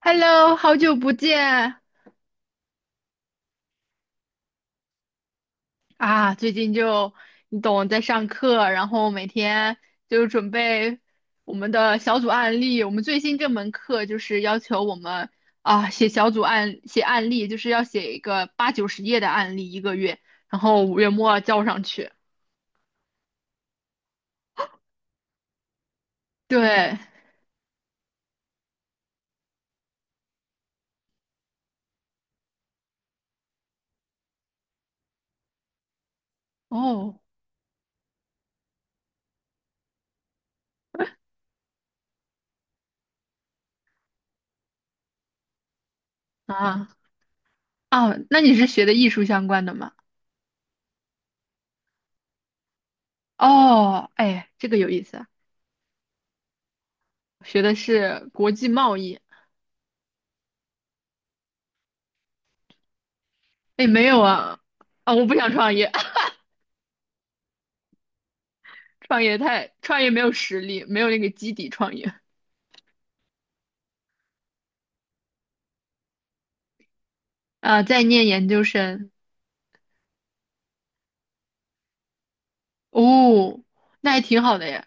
Hello，好久不见啊！最近就你懂，在上课，然后每天就准备我们的小组案例。我们最新这门课就是要求我们写小组案，写案例，就是要写一个八九十页的案例一个月，然后五月末交上去。对，哦啊那你是学的艺术相关的吗？哦，哎，这个有意思啊，学的是国际贸易。哎，没有啊，我不想创业。创业太，创业没有实力，没有那个基底创业啊。在念研究生。哦，那还挺好的呀。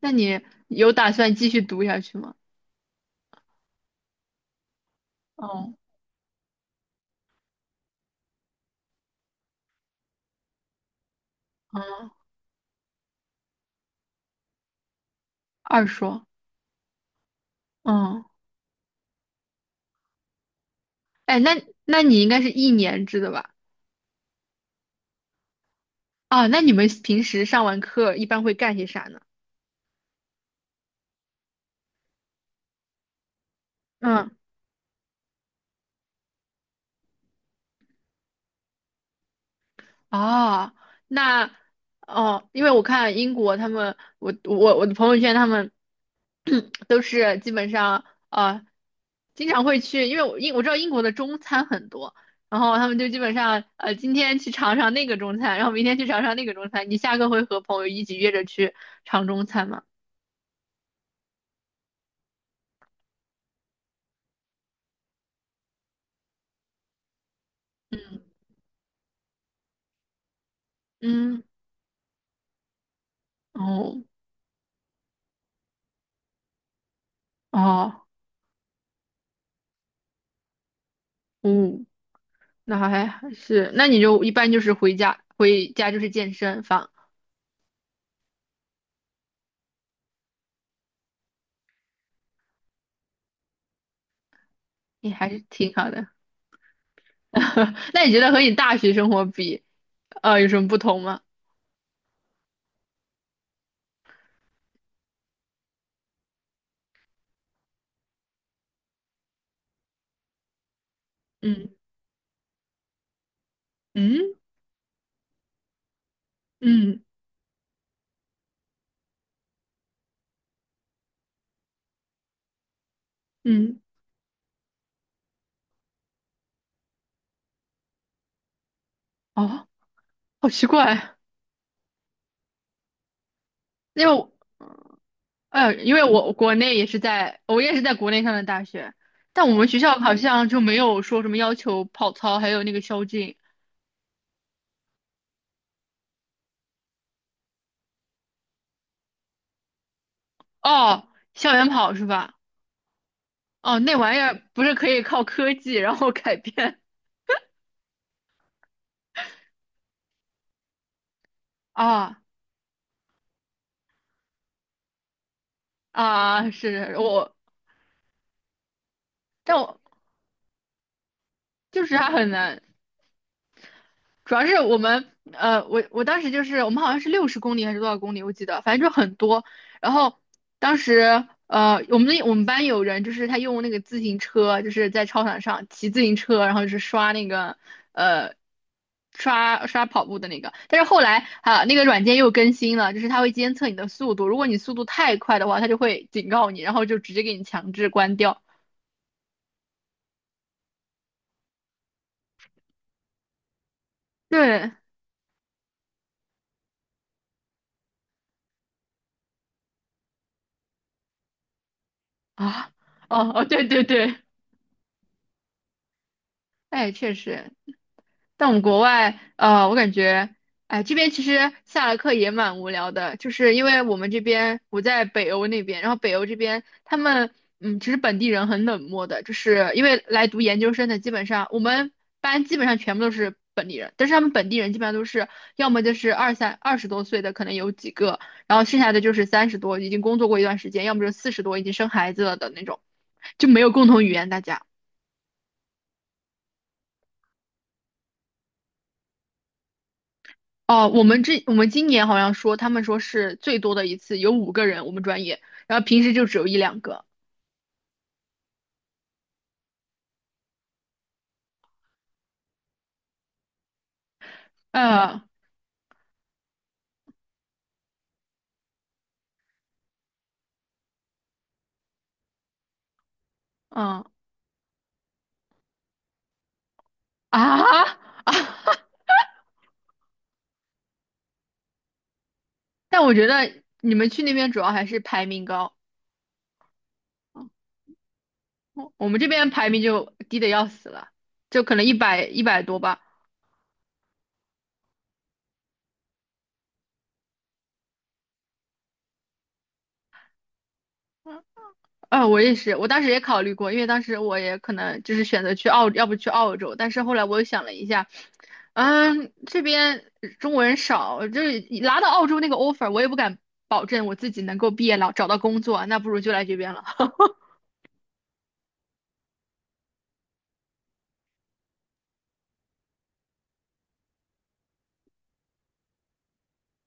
那你有打算继续读下去吗？哦，嗯，二硕，嗯。哎，那你应该是一年制的吧？啊，那你们平时上完课一般会干些啥呢？嗯。哦，那哦，因为我看英国他们，我的朋友圈他们 都是基本上经常会去，因为我知道英国的中餐很多，然后他们就基本上今天去尝尝那个中餐，然后明天去尝尝那个中餐。你下课会和朋友一起约着去尝中餐吗？嗯。哦哦哦，那还还是，那你就一般就是回家就是健身房，也还是挺好的。那你觉得和你大学生活比，有什么不同吗？嗯嗯嗯嗯，哦，好奇怪。因为我，因为我国内也是在，我也是在国内上的大学，但我们学校好像就没有说什么要求跑操，还有那个宵禁。哦，校园跑是吧？哦，那玩意儿不是可以靠科技然后改变？啊啊，是我，但我就是它很难。主要是我们，我当时就是我们好像是60公里还是多少公里，我记得，反正就很多。然后当时，我们班有人就是他用那个自行车，就是在操场上骑自行车，然后就是刷那个，呃，刷跑步的那个。但是后来啊，那个软件又更新了，就是它会监测你的速度，如果你速度太快的话，它就会警告你，然后就直接给你强制关掉。对啊，哦哦，对对对，哎，确实。但我们国外，呃，我感觉，哎，这边其实下了课也蛮无聊的，就是因为我们这边我在北欧那边，然后北欧这边他们，其实本地人很冷漠的，就是因为来读研究生的，基本上我们班基本上全部都是本地人，但是他们本地人基本上都是要么就是20多岁的，可能有几个，然后剩下的就是30多已经工作过一段时间，要么就40多已经生孩子了的那种，就没有共同语言，大家。哦，我们今年好像说，他们说是最多的一次有五个人，我们专业，然后平时就只有一两个。嗯，呃，嗯啊啊，但我觉得你们去那边主要还是排名高。嗯我们这边排名就低的要死了，就可能一百多吧。啊，我也是，我当时也考虑过，因为当时我也可能就是选择要不去澳洲，但是后来我又想了一下，这边中国人少，就是拿到澳洲那个 offer，我也不敢保证我自己能够毕业了找到工作，那不如就来这边了。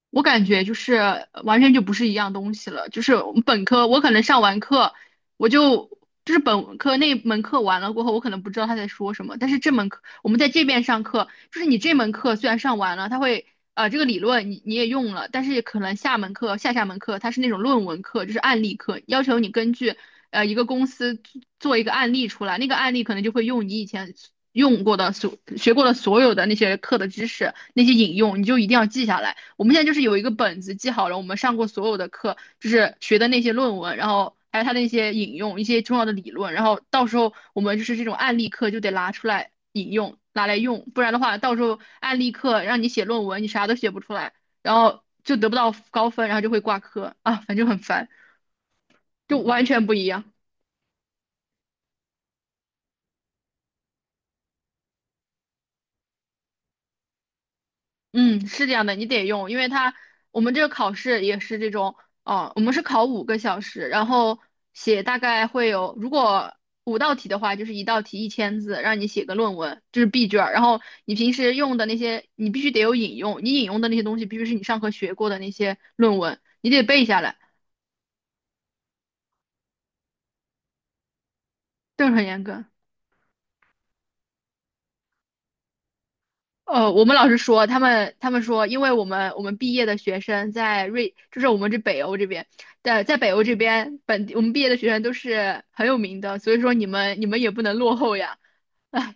我感觉就是完全就不是一样东西了。就是我们本科，我可能上完课，我就就是本科那门课完了过后，我可能不知道他在说什么。但是这门课我们在这边上课，就是你这门课虽然上完了，他会这个理论你也用了，但是可能下门课下下门课它是那种论文课，就是案例课，要求你根据一个公司做一个案例出来，那个案例可能就会用你以前用过的所学过的所有的那些课的知识，那些引用，你就一定要记下来。我们现在就是有一个本子记好了，我们上过所有的课，就是学的那些论文，然后还有它的一些引用，一些重要的理论，然后到时候我们就是这种案例课就得拿出来引用，拿来用，不然的话，到时候案例课让你写论文，你啥都写不出来，然后就得不到高分，然后就会挂科啊，反正很烦，就完全不一样。嗯，是这样的，你得用，因为我们这个考试也是这种。哦，我们是考5个小时，然后写大概会有，如果五道题的话，就是一道题1,000字，让你写个论文，这是 B 卷儿。然后你平时用的那些，你必须得有引用，你引用的那些东西必须是你上课学过的那些论文，你得背下来。这是很严格。我们老师说，他们说，因为我们毕业的学生就是我们这北欧这边在北欧这边本地，我们毕业的学生都是很有名的，所以说你们也不能落后呀。哎，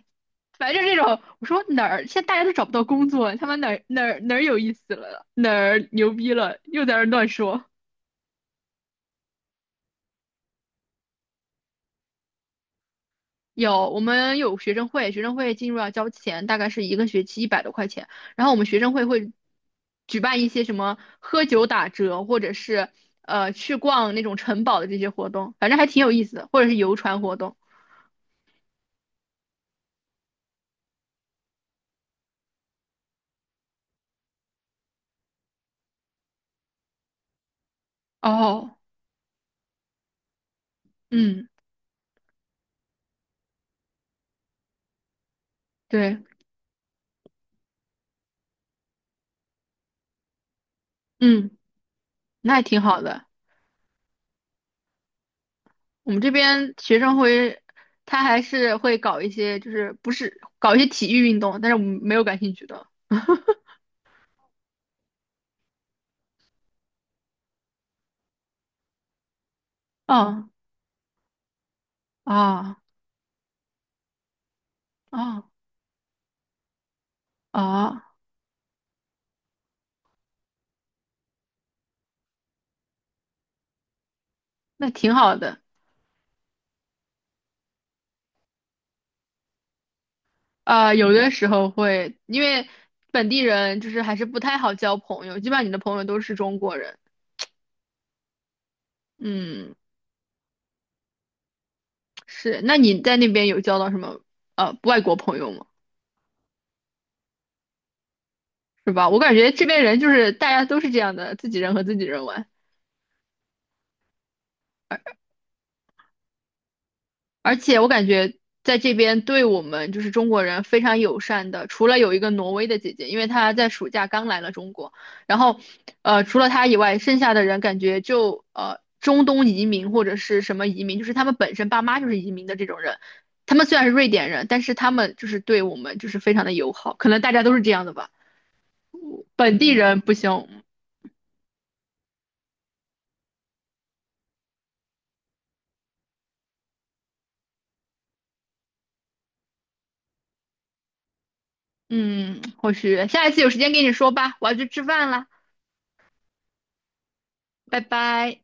反正这种，我说哪儿现在大家都找不到工作，他们哪儿哪儿哪儿有意思了，哪儿牛逼了，又在那儿乱说。有，我们有学生会，学生会进入要交钱，大概是一个学期100多块钱。然后我们学生会会举办一些什么喝酒打折，或者是去逛那种城堡的这些活动，反正还挺有意思的，或者是游船活动。哦，嗯，对，嗯，那也挺好的。我们这边学生会，他还是会搞一些，就是不是搞一些体育运动，但是我们没有感兴趣的。哦，啊啊哦那挺好的。啊，有的时候会，因为本地人就是还是不太好交朋友，基本上你的朋友都是中国人。嗯，是。那你在那边有交到什么外国朋友吗？是吧？我感觉这边人就是大家都是这样的，自己人和自己人玩。而且我感觉在这边对我们就是中国人非常友善的，除了有一个挪威的姐姐，因为她在暑假刚来了中国，然后，除了她以外，剩下的人感觉就中东移民或者是什么移民，就是他们本身爸妈就是移民的这种人，他们虽然是瑞典人，但是他们就是对我们就是非常的友好，可能大家都是这样的吧，本地人不行。嗯，或许下一次有时间跟你说吧，我要去吃饭啦，拜拜。